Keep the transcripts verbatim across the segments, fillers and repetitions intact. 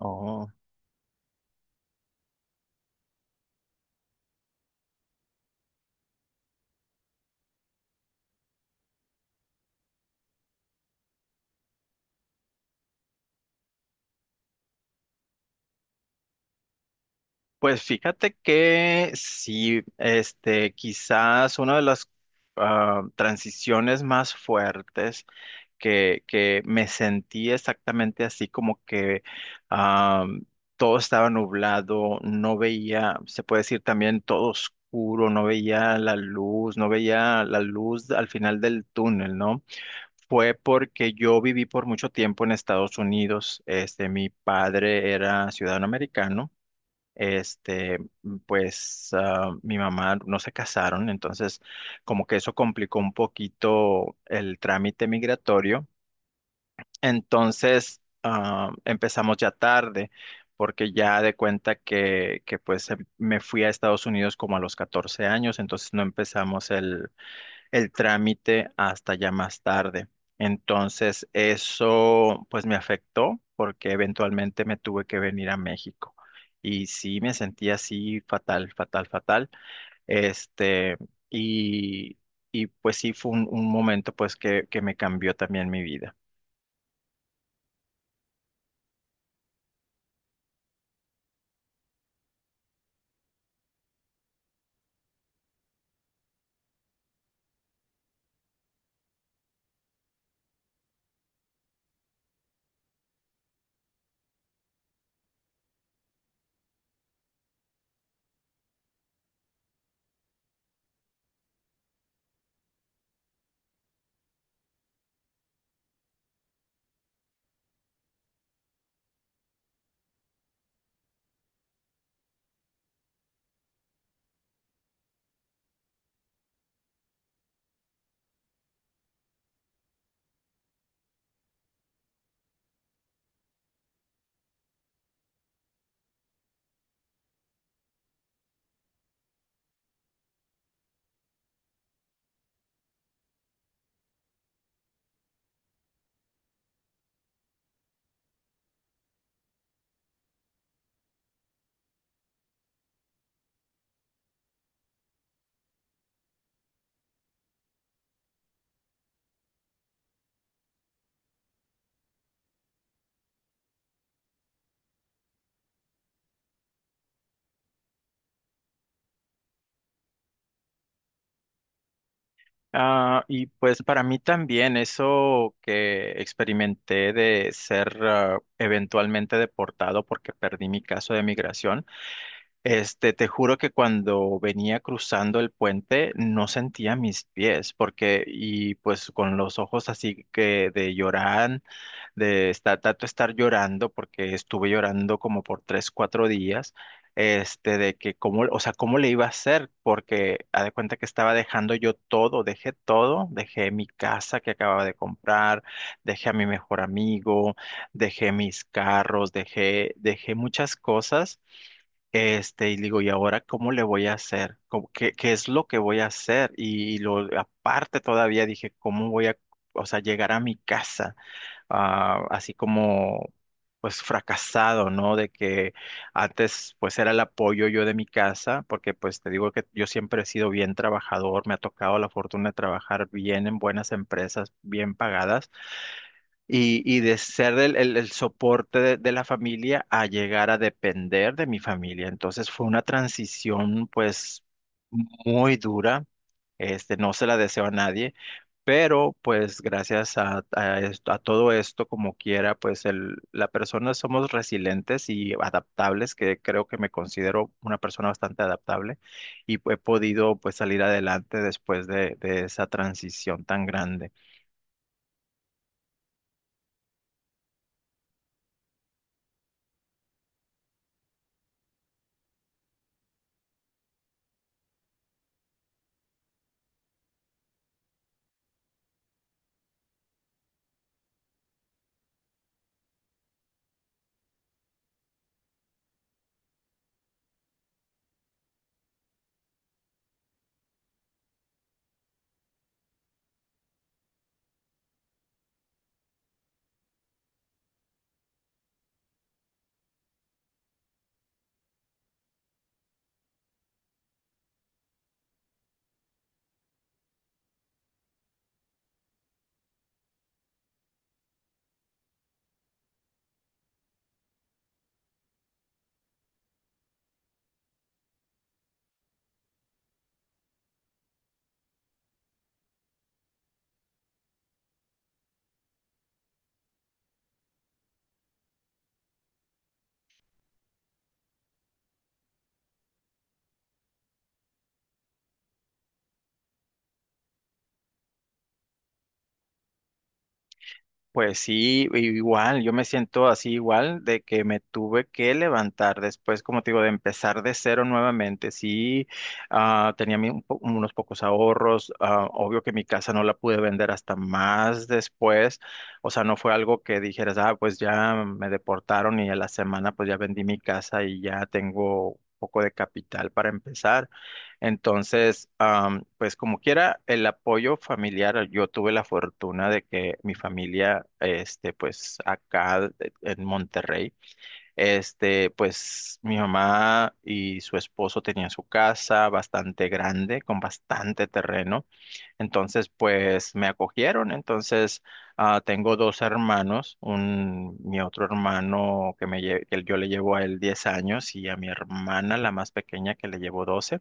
Oh, pues fíjate que sí, este, quizás una de las ah, transiciones más fuertes que, que me sentí exactamente así, como que ah, todo estaba nublado, no veía, se puede decir también todo oscuro, no veía la luz, no veía la luz al final del túnel, ¿no? Fue porque yo viví por mucho tiempo en Estados Unidos. Este, mi padre era ciudadano americano. Este, pues ah, mi mamá no se casaron, entonces como que eso complicó un poquito el trámite migratorio. Entonces ah, empezamos ya tarde, porque ya de cuenta que, que pues em- me fui a Estados Unidos como a los catorce años, entonces no empezamos el el trámite hasta ya más tarde. Entonces, eso pues me afectó porque eventualmente me tuve que venir a México. Y sí, me sentí así fatal, fatal, fatal. Este, y, y pues sí fue un, un momento pues que, que me cambió también mi vida. Ah, y pues para mí también eso que experimenté de ser ah, eventualmente deportado porque perdí mi caso de migración, este, te juro que cuando venía cruzando el puente no sentía mis pies porque y pues con los ojos así que de llorar, de estar, tanto estar llorando porque estuve llorando como por tres, cuatro días este, de que cómo, o sea, cómo le iba a hacer, porque haz de cuenta que estaba dejando yo todo, dejé todo, dejé mi casa que acababa de comprar, dejé a mi mejor amigo, dejé mis carros, dejé, dejé muchas cosas, este, y digo, ¿y ahora cómo le voy a hacer? ¿Cómo- qué, qué es lo que voy a hacer? Y, lo, aparte todavía dije, ¿cómo voy a, o sea, llegar a mi casa? Ah, así como pues fracasado, ¿no? De que antes pues era el apoyo yo de mi casa, porque pues te digo que yo siempre he sido bien trabajador, me ha tocado la fortuna de trabajar bien en buenas empresas, bien pagadas, y, y de ser el, el- el soporte de, de la familia a llegar a depender de mi familia. Entonces fue una transición pues muy dura, este, no se la deseo a nadie pero pues gracias a, a es- a todo esto, como quiera, pues el, la persona somos resilientes y adaptables, que creo que me considero una persona bastante adaptable y he podido pues salir adelante después de, de esa transición tan grande. Pues sí, igual, yo me siento así igual de que me tuve que levantar después, como te digo, de empezar de cero nuevamente. Sí, ah, tenía mi- un po- unos pocos ahorros, ah, obvio que mi casa no la pude vender hasta más después, o sea, no fue algo que dijeras, ah, pues ya me deportaron y a la semana pues ya vendí mi casa y ya tengo un poco de capital para empezar. Entonces, am, pues como quiera, el apoyo familiar, yo tuve la fortuna de que mi familia, este, pues acá eh, en Monterrey, este, pues mi mamá y su esposo tenían su casa bastante grande, con bastante terreno. Entonces, pues me acogieron. Entonces, ah, tengo dos hermanos, un, mi otro hermano que me lle- que yo le llevo a él diez años y a mi hermana, la más pequeña, que le llevo doce.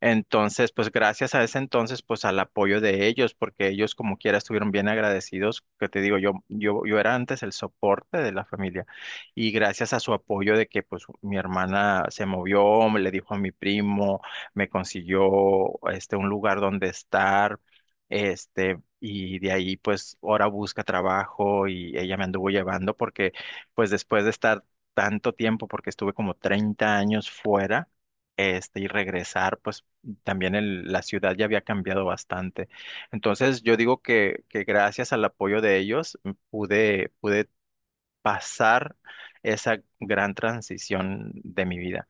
Entonces, pues gracias a ese entonces, pues al apoyo de ellos, porque ellos como quiera estuvieron bien agradecidos, que te digo, yo, yo, yo era antes el soporte de la familia y gracias a su apoyo de que pues mi hermana se movió, me le dijo a mi primo, me consiguió este un lugar donde estar, este, y de ahí pues ahora busca trabajo y ella me anduvo llevando porque pues después de estar tanto tiempo, porque estuve como treinta años fuera, este, y regresar, pues también el- la ciudad ya había cambiado bastante. Entonces yo digo que, que gracias al apoyo de ellos m- pude, pude pasar esa gran transición de mi vida.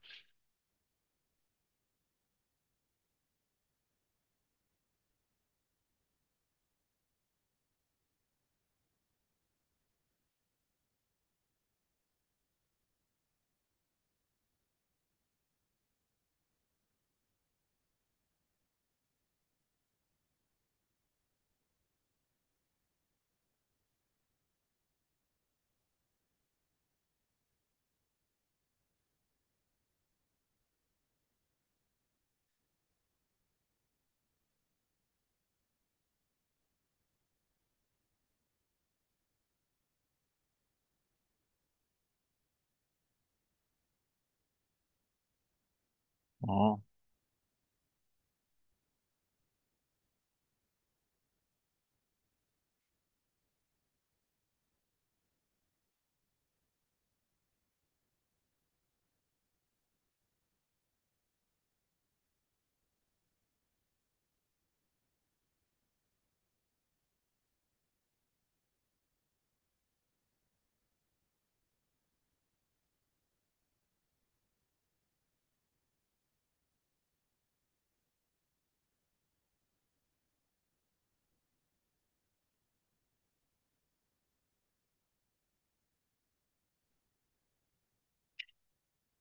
Oh.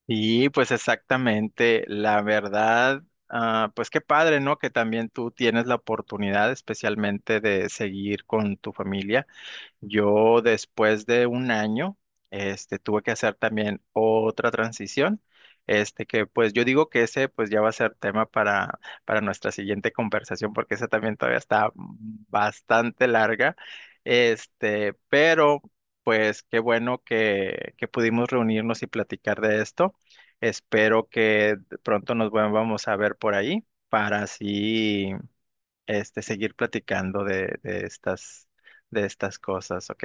Y pues exactamente, la verdad, ah, pues qué padre, ¿no? Que también tú tienes la oportunidad especialmente de seguir con tu familia. Yo después de un año, este, tuve que hacer también otra transición, este, que pues yo digo que ese pues ya va a ser tema para, para nuestra siguiente conversación, porque esa también todavía está bastante larga, este, pero pues qué bueno que, que pudimos reunirnos y platicar de esto. Espero que pronto nos volvamos a ver por ahí para así este, seguir platicando de, de estas, de estas cosas, ¿ok?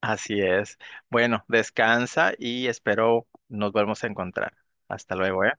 Así es. Bueno, descansa y espero nos volvamos a encontrar. Hasta luego, ¿eh?